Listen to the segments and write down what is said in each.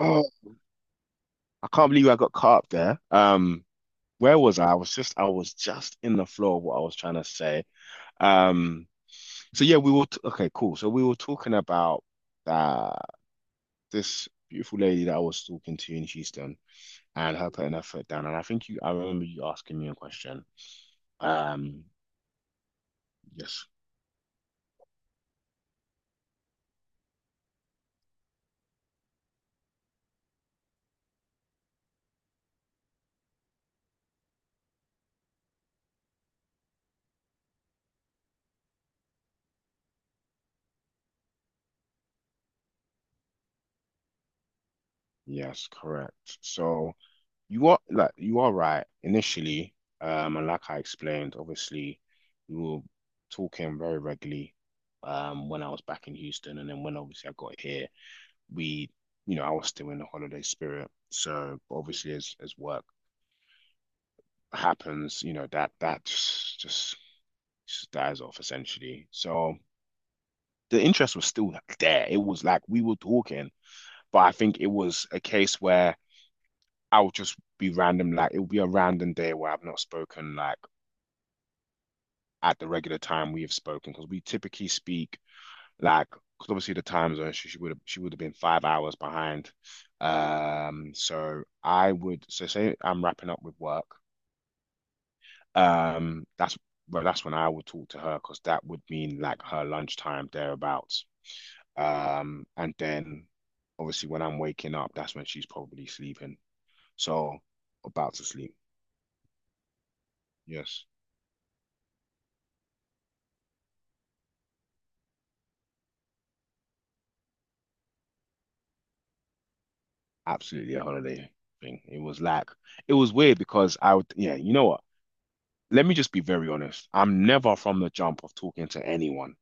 Oh, I can't believe I got caught up there. Where was I? I was just in the flow of what I was trying to say. Um, so yeah, we were t okay, cool. So we were talking about uh this beautiful lady that I was talking to in Houston and her putting her foot down. And I think you I remember you asking me a question. Um, yes, yes, correct. So you are right initially, and like I explained, obviously we were talking very regularly, when I was back in Houston, and then when obviously I got here, we, I was still in the holiday spirit. So obviously, as work happens, that just just dies off essentially. So the interest was still there. It was like we were talking, but I think it was a case where. I'll just be random, like it'll be a random day where I've not spoken like at the regular time we have spoken because we typically speak like because obviously the time zone she would have been 5 hours behind. So I would say I'm wrapping up with work. That's Well, that's when I will talk to her because that would mean like her lunchtime thereabouts. And then obviously when I'm waking up, that's when she's probably sleeping. So about to sleep. Yes, absolutely a holiday thing. It was like it was weird because I would yeah, you know what? Let me just be very honest. I'm never from the jump of talking to anyone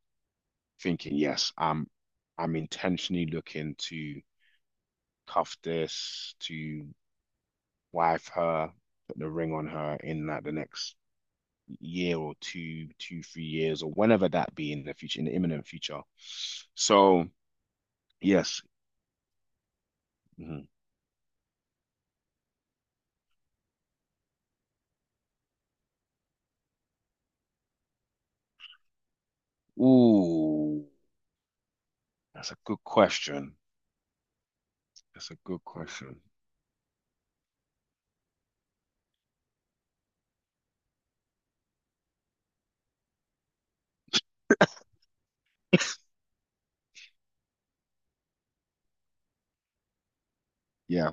thinking, yes, I'm intentionally looking to cuff this, to wife her, put the ring on her in like the next year or two, two, 3 years, or whenever that be in the future, in the imminent future. So yes. Mhm. Ooh, that's a good question. That's a good question. Yeah.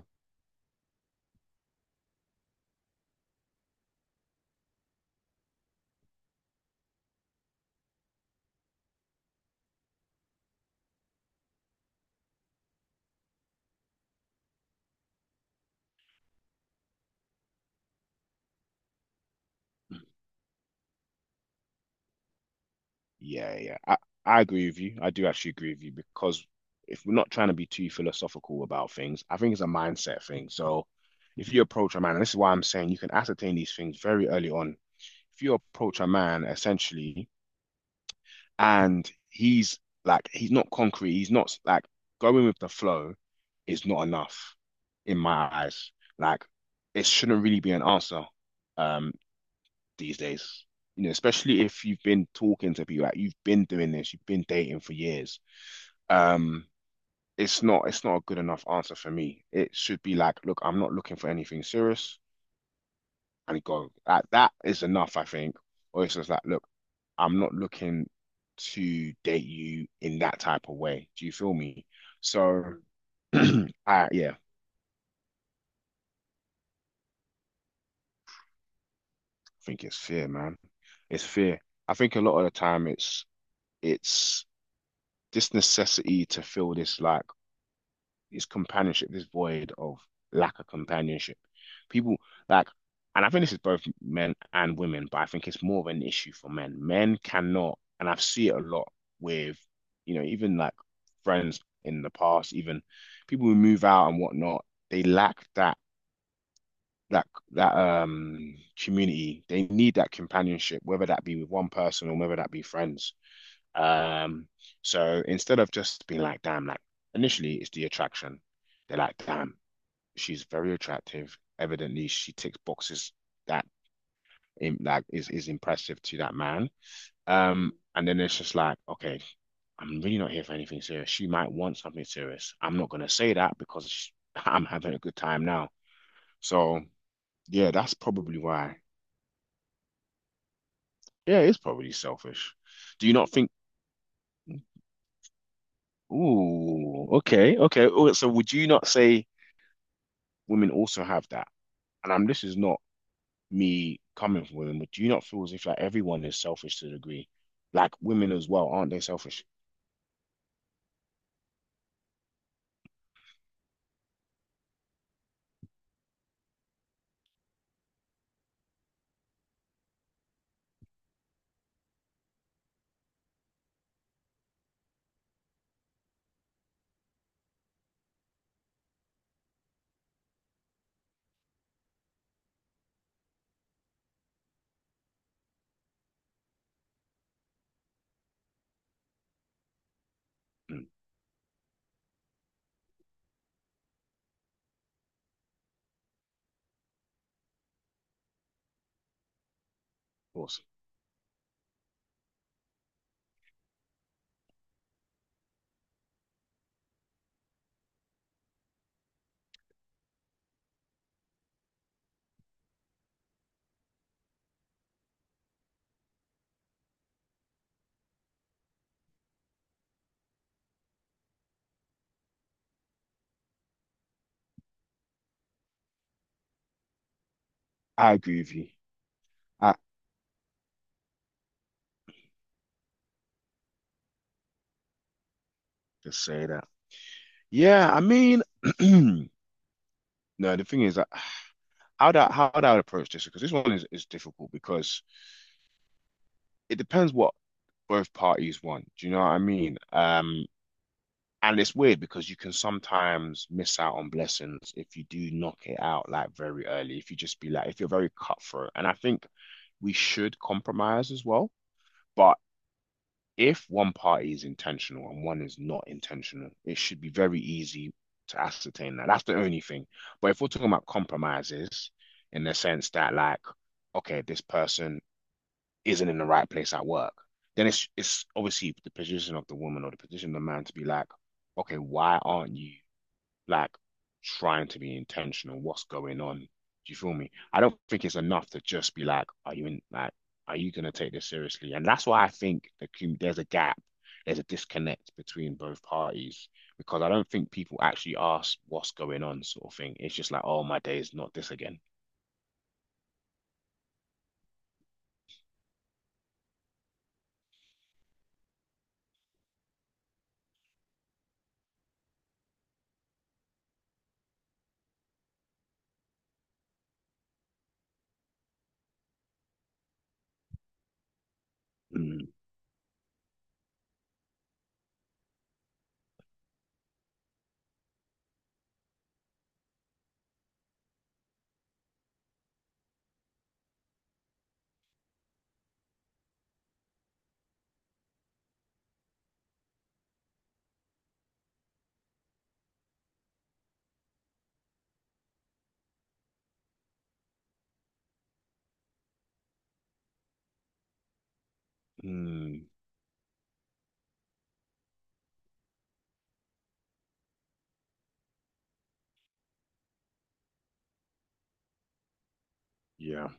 Mm-hmm. Yeah, yeah. I agree with you. I do actually agree with you because if we're not trying to be too philosophical about things, I think it's a mindset thing. So if you approach a man, and this is why I'm saying you can ascertain these things very early on. If you approach a man essentially and he's like he's not concrete, he's not like going with the flow is not enough in my eyes. Like it shouldn't really be an answer. Um, these days. You know, especially if you've been talking to people, like you've been doing this, you've been dating for years. Um, it's not a good enough answer for me. It should be like, look, I'm not looking for anything serious, and go. That is enough, I think. Or it's just like, look, I'm not looking to date you in that type of way. Do you feel me? So, I yeah, I think it's fear, man. It's fear. I think a lot of the time it's this necessity to feel this like this companionship, this void of lack of companionship. People like, and I think this is both men and women, but I think it's more of an issue for men. Men cannot, and I've seen it a lot with, you know, even like friends in the past, even people who move out and whatnot, they lack that that community. They need that companionship, whether that be with one person or whether that be friends. Um, so instead of just being like, damn, like initially it's the attraction. They're like, damn, she's very attractive. Evidently, she ticks boxes that like is impressive to that man. And then it's just like, okay, I'm really not here for anything serious. She might want something serious. I'm not gonna say that because I'm having a good time now. So yeah, that's probably why. Yeah, it's probably selfish. Do you not think? Ooh, okay, okay. Oh, so would you not say women also have that? And I'm. This is not me coming from women, but do you not feel as if like everyone is selfish to a degree? Like women as well, aren't they selfish? Mm, of course. I agree with you. I just say that. Yeah, I mean, no, the thing is that how that I approach this because this one is difficult because it depends what both parties want. Do you know what I mean? And it's weird because you can sometimes miss out on blessings if you do knock it out like very early. If you just be like, if you're very cutthroat, and I think we should compromise as well. But if one party is intentional and one is not intentional, it should be very easy to ascertain that. That's the only thing. But if we're talking about compromises in the sense that, like, okay, this person isn't in the right place at work, then it's obviously the position of the woman or the position of the man to be like, okay, why aren't you like trying to be intentional. What's going on? Do you feel me? I don't think it's enough to just be like, are you in like, are you gonna take this seriously? And that's why I think there's a gap, there's a disconnect between both parties because I don't think people actually ask what's going on, sort of thing. It's just like, oh, my day is not this again. Mm, mm, yeah.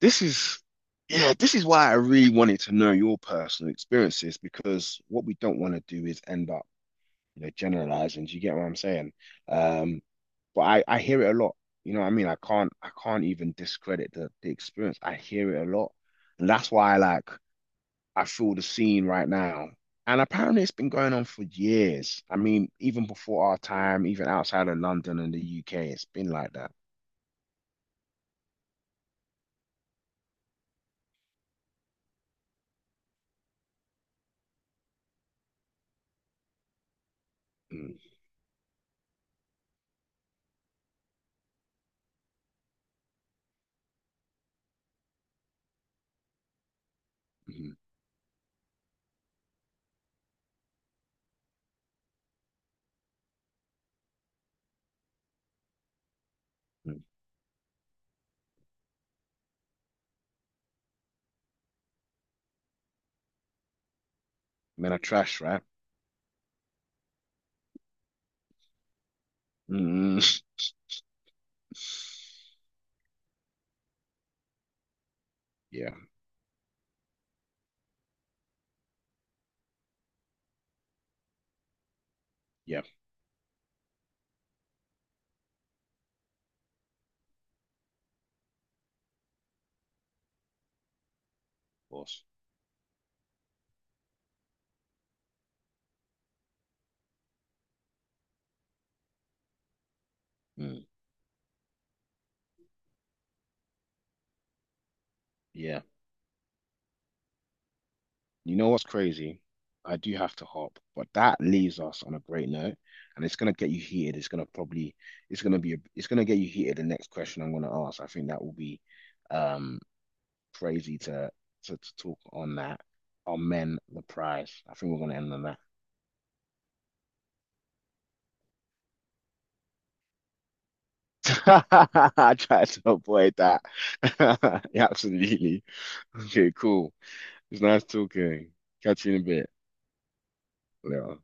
This is, yeah, this is why I really wanted to know your personal experiences because what we don't want to do is end up generalizing. Do you get what I'm saying? Um, but I hear it a lot. You know what I mean? I can't even discredit the experience. I hear it a lot. And that's why I feel the scene right now. And apparently it's been going on for years. I mean, even before our time, even outside of London and the UK, it's been like that. Mm, mm, mm. Men are trash, right? Mm. Mm. Yeah, yeah, of course. Mm, yeah. You know what's crazy? I do have to hop, but that leaves us on a great note, and it's gonna get you heated. It's gonna probably, it's gonna be, It's gonna get you heated. The next question I'm gonna ask, I think that will be, um, crazy to to talk on that. Are men the prize? I think we're gonna end on that. I tried to avoid that. Yeah, absolutely. Okay, cool. It's nice talking. Catch you in a bit. Later.